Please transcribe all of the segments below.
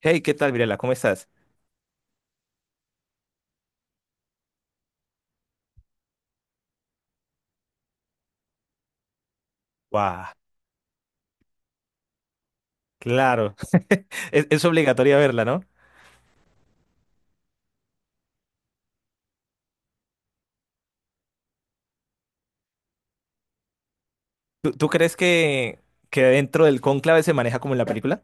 Hey, ¿qué tal, Mirela? ¿Cómo estás? ¡Guau! Claro. Es obligatoria verla, ¿no? ¿Tú crees que dentro del cónclave se maneja como en la película?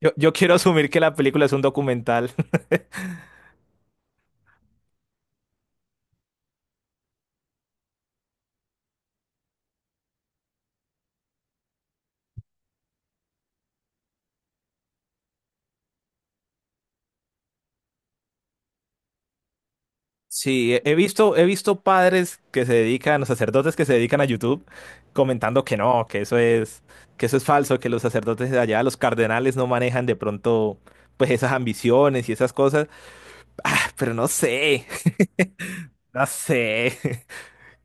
Yo quiero asumir que la película es un documental. Sí, he visto padres que se dedican, o sacerdotes que se dedican a YouTube, comentando que no, que eso es falso, que los sacerdotes de allá, los cardenales no manejan de pronto, pues esas ambiciones y esas cosas. Ah, pero no sé, no sé.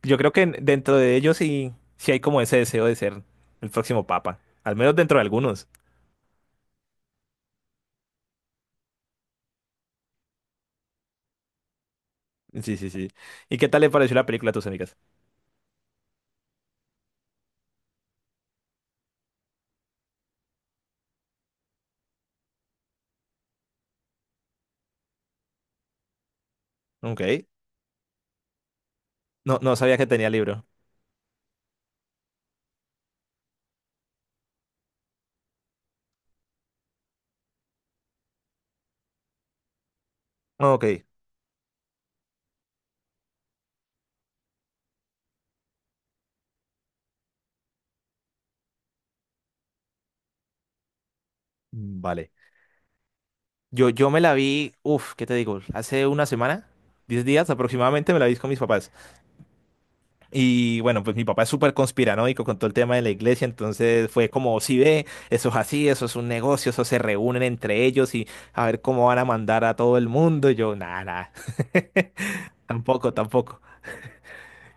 Yo creo que dentro de ellos sí, sí hay como ese deseo de ser el próximo papa. Al menos dentro de algunos. Sí, sí, sí. ¿Y qué tal le pareció la película a tus amigas? Ok. No, no sabía que tenía libro. Ok. Vale. Yo me la vi, ¿qué te digo? Hace una semana. 10 días aproximadamente me la vi con mis papás. Y bueno, pues mi papá es súper conspiranoico con todo el tema de la iglesia, entonces fue como, si ve, eso es así, eso es un negocio, eso se reúnen entre ellos y a ver cómo van a mandar a todo el mundo. Y yo, nada, nada. Tampoco, tampoco.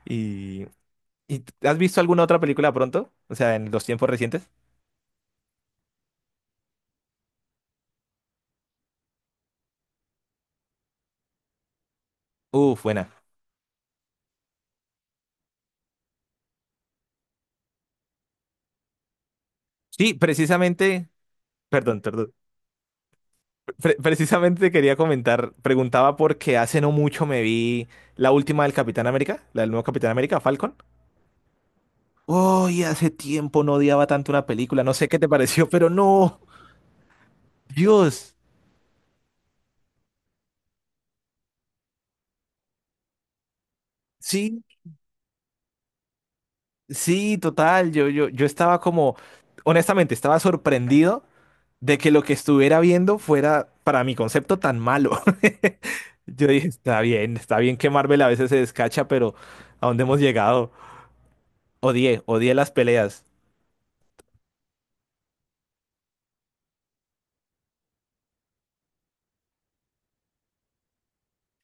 ¿Y, has visto alguna otra película pronto? O sea, en los tiempos recientes. Uf, buena. Sí, precisamente, perdón, perdón. Precisamente quería comentar, preguntaba porque hace no mucho me vi la última del Capitán América, la del nuevo Capitán América, Falcon. Oh, y hace tiempo no odiaba tanto una película, no sé qué te pareció, pero no, Dios. Sí, sí, total, yo estaba como, honestamente, estaba sorprendido de que lo que estuviera viendo fuera para mi concepto tan malo. Yo dije, está bien que Marvel a veces se descacha, pero ¿a dónde hemos llegado? Odié, odié las peleas.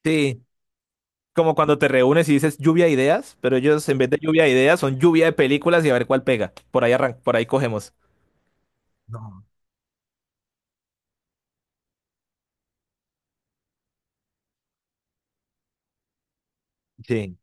Sí, como cuando te reúnes y dices lluvia de ideas, pero ellos en vez de lluvia de ideas son lluvia de películas y a ver cuál pega. Por ahí arran por ahí cogemos. No. Sí.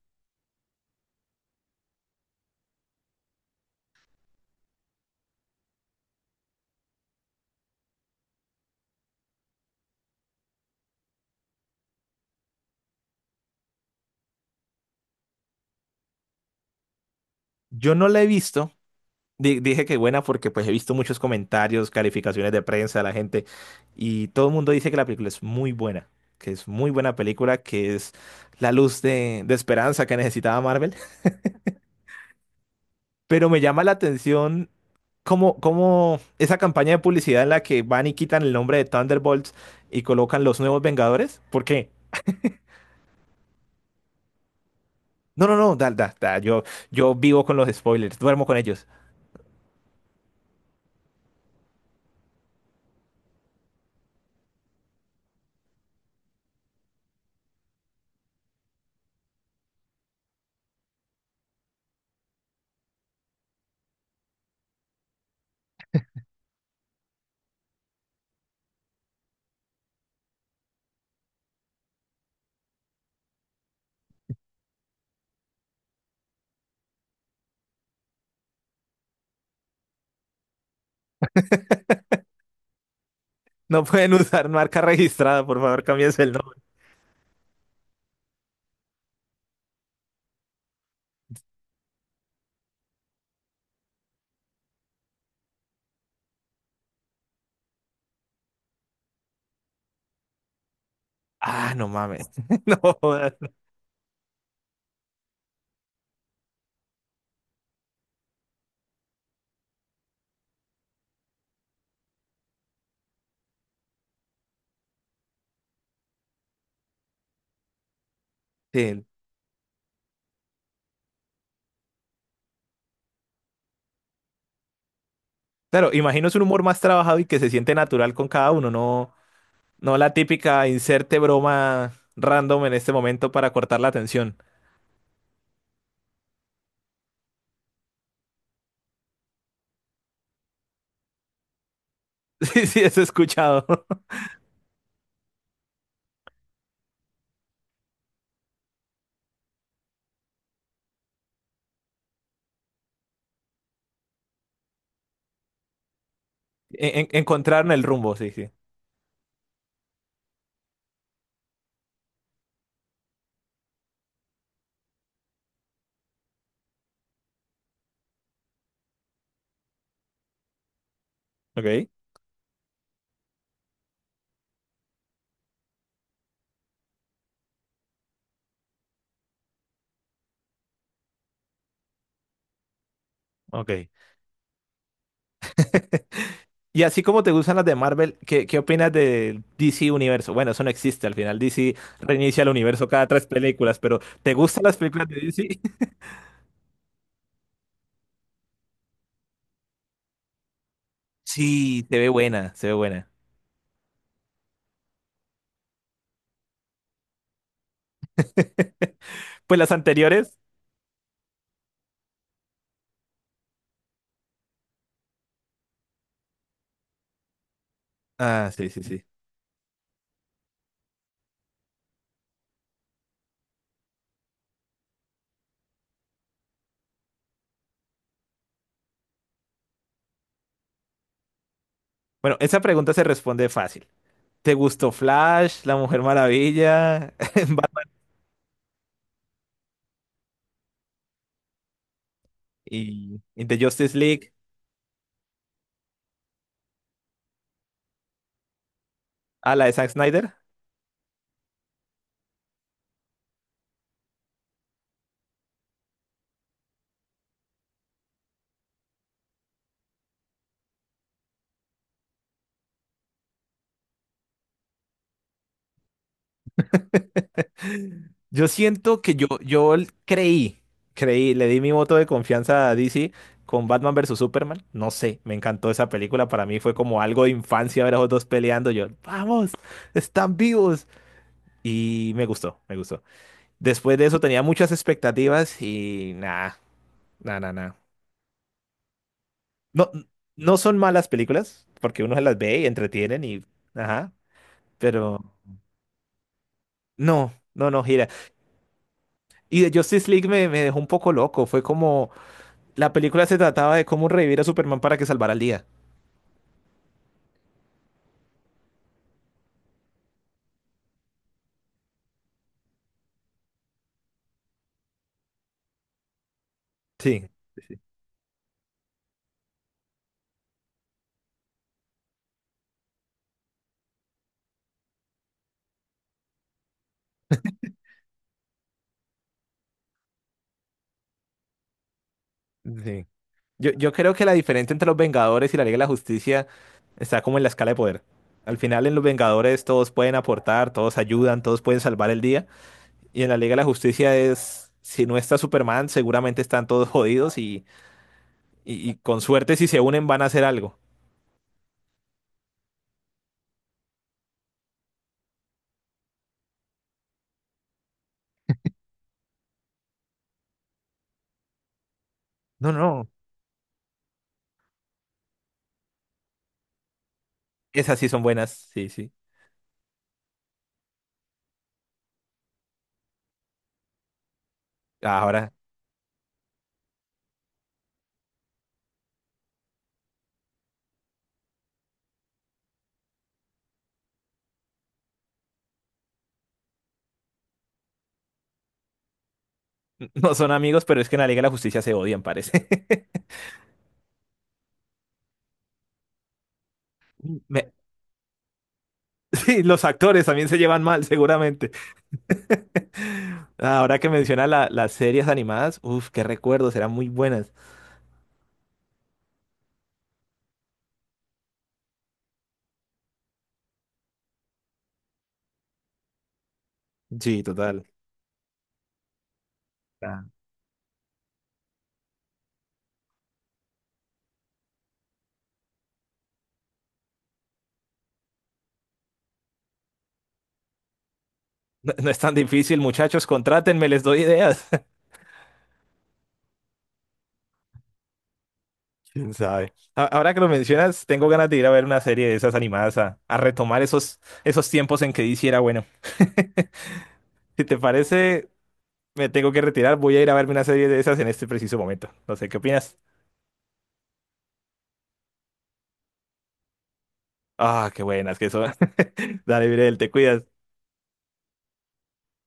Yo no la he visto. Dije que buena porque pues he visto muchos comentarios, calificaciones de prensa de la gente y todo el mundo dice que la película es muy buena, que es muy buena película, que es la luz de esperanza que necesitaba Marvel. Pero me llama la atención cómo, cómo esa campaña de publicidad en la que van y quitan el nombre de Thunderbolts y colocan los nuevos Vengadores. ¿Por qué? No, no, no, da, da, da, yo vivo con los spoilers, duermo con ellos. No pueden usar marca registrada, por favor, cámbiense el nombre. Ah, no mames. No, jodas. Sí, claro, imagino es un humor más trabajado y que se siente natural con cada uno, no, no la típica inserte broma random en este momento para cortar la atención. Sí, sí, eso he escuchado. Encontraron el rumbo, sí, sí. Ok. Ok. Y así como te gustan las de Marvel, ¿qué, qué opinas del DC Universo? Bueno, eso no existe al final. DC reinicia el universo cada tres películas, pero ¿te gustan las películas de DC? Sí, se ve buena, se ve buena. Pues las anteriores. Ah, sí, sí, sí. Bueno, esa pregunta se responde fácil. ¿Te gustó Flash, La Mujer Maravilla, Batman y The Justice League? A la de Zack Snyder. Yo siento que yo creí, creí, le di mi voto de confianza a DC con Batman versus Superman. No sé, me encantó esa película. Para mí fue como algo de infancia ver a los dos peleando. Yo, vamos, están vivos. Y me gustó, me gustó. Después de eso tenía muchas expectativas y nada, nada, nada. No, no son malas películas, porque uno se las ve y entretienen y... Ajá, pero no, no, no gira. Y de Justice League me, me dejó un poco loco. Fue como... La película se trataba de cómo revivir a Superman para que salvara el día. Sí, sí, sí. Sí. Yo creo que la diferencia entre los Vengadores y la Liga de la Justicia está como en la escala de poder. Al final en los Vengadores todos pueden aportar, todos ayudan, todos pueden salvar el día. Y en la Liga de la Justicia es... Si no está Superman, seguramente están todos jodidos y con suerte, si se unen, van a hacer algo. No, no. Esas sí son buenas. Sí, sí. Ahora, no son amigos, pero es que en la Liga de la Justicia se odian, parece. Me- Sí, los actores también se llevan mal, seguramente. Ahora que menciona las series animadas, uff, qué recuerdos, eran muy buenas. Sí, total. Ah. No, no es tan difícil, muchachos, contrátenme, les doy ideas. ¿Quién sabe? A- Ahora que lo mencionas, tengo ganas de ir a ver una serie de esas animadas a retomar esos, esos tiempos en que DC era bueno. Si te parece, me tengo que retirar. Voy a ir a verme una serie de esas en este preciso momento. No sé qué opinas. Ah, qué buenas que son. Dale, Mirel, te cuidas.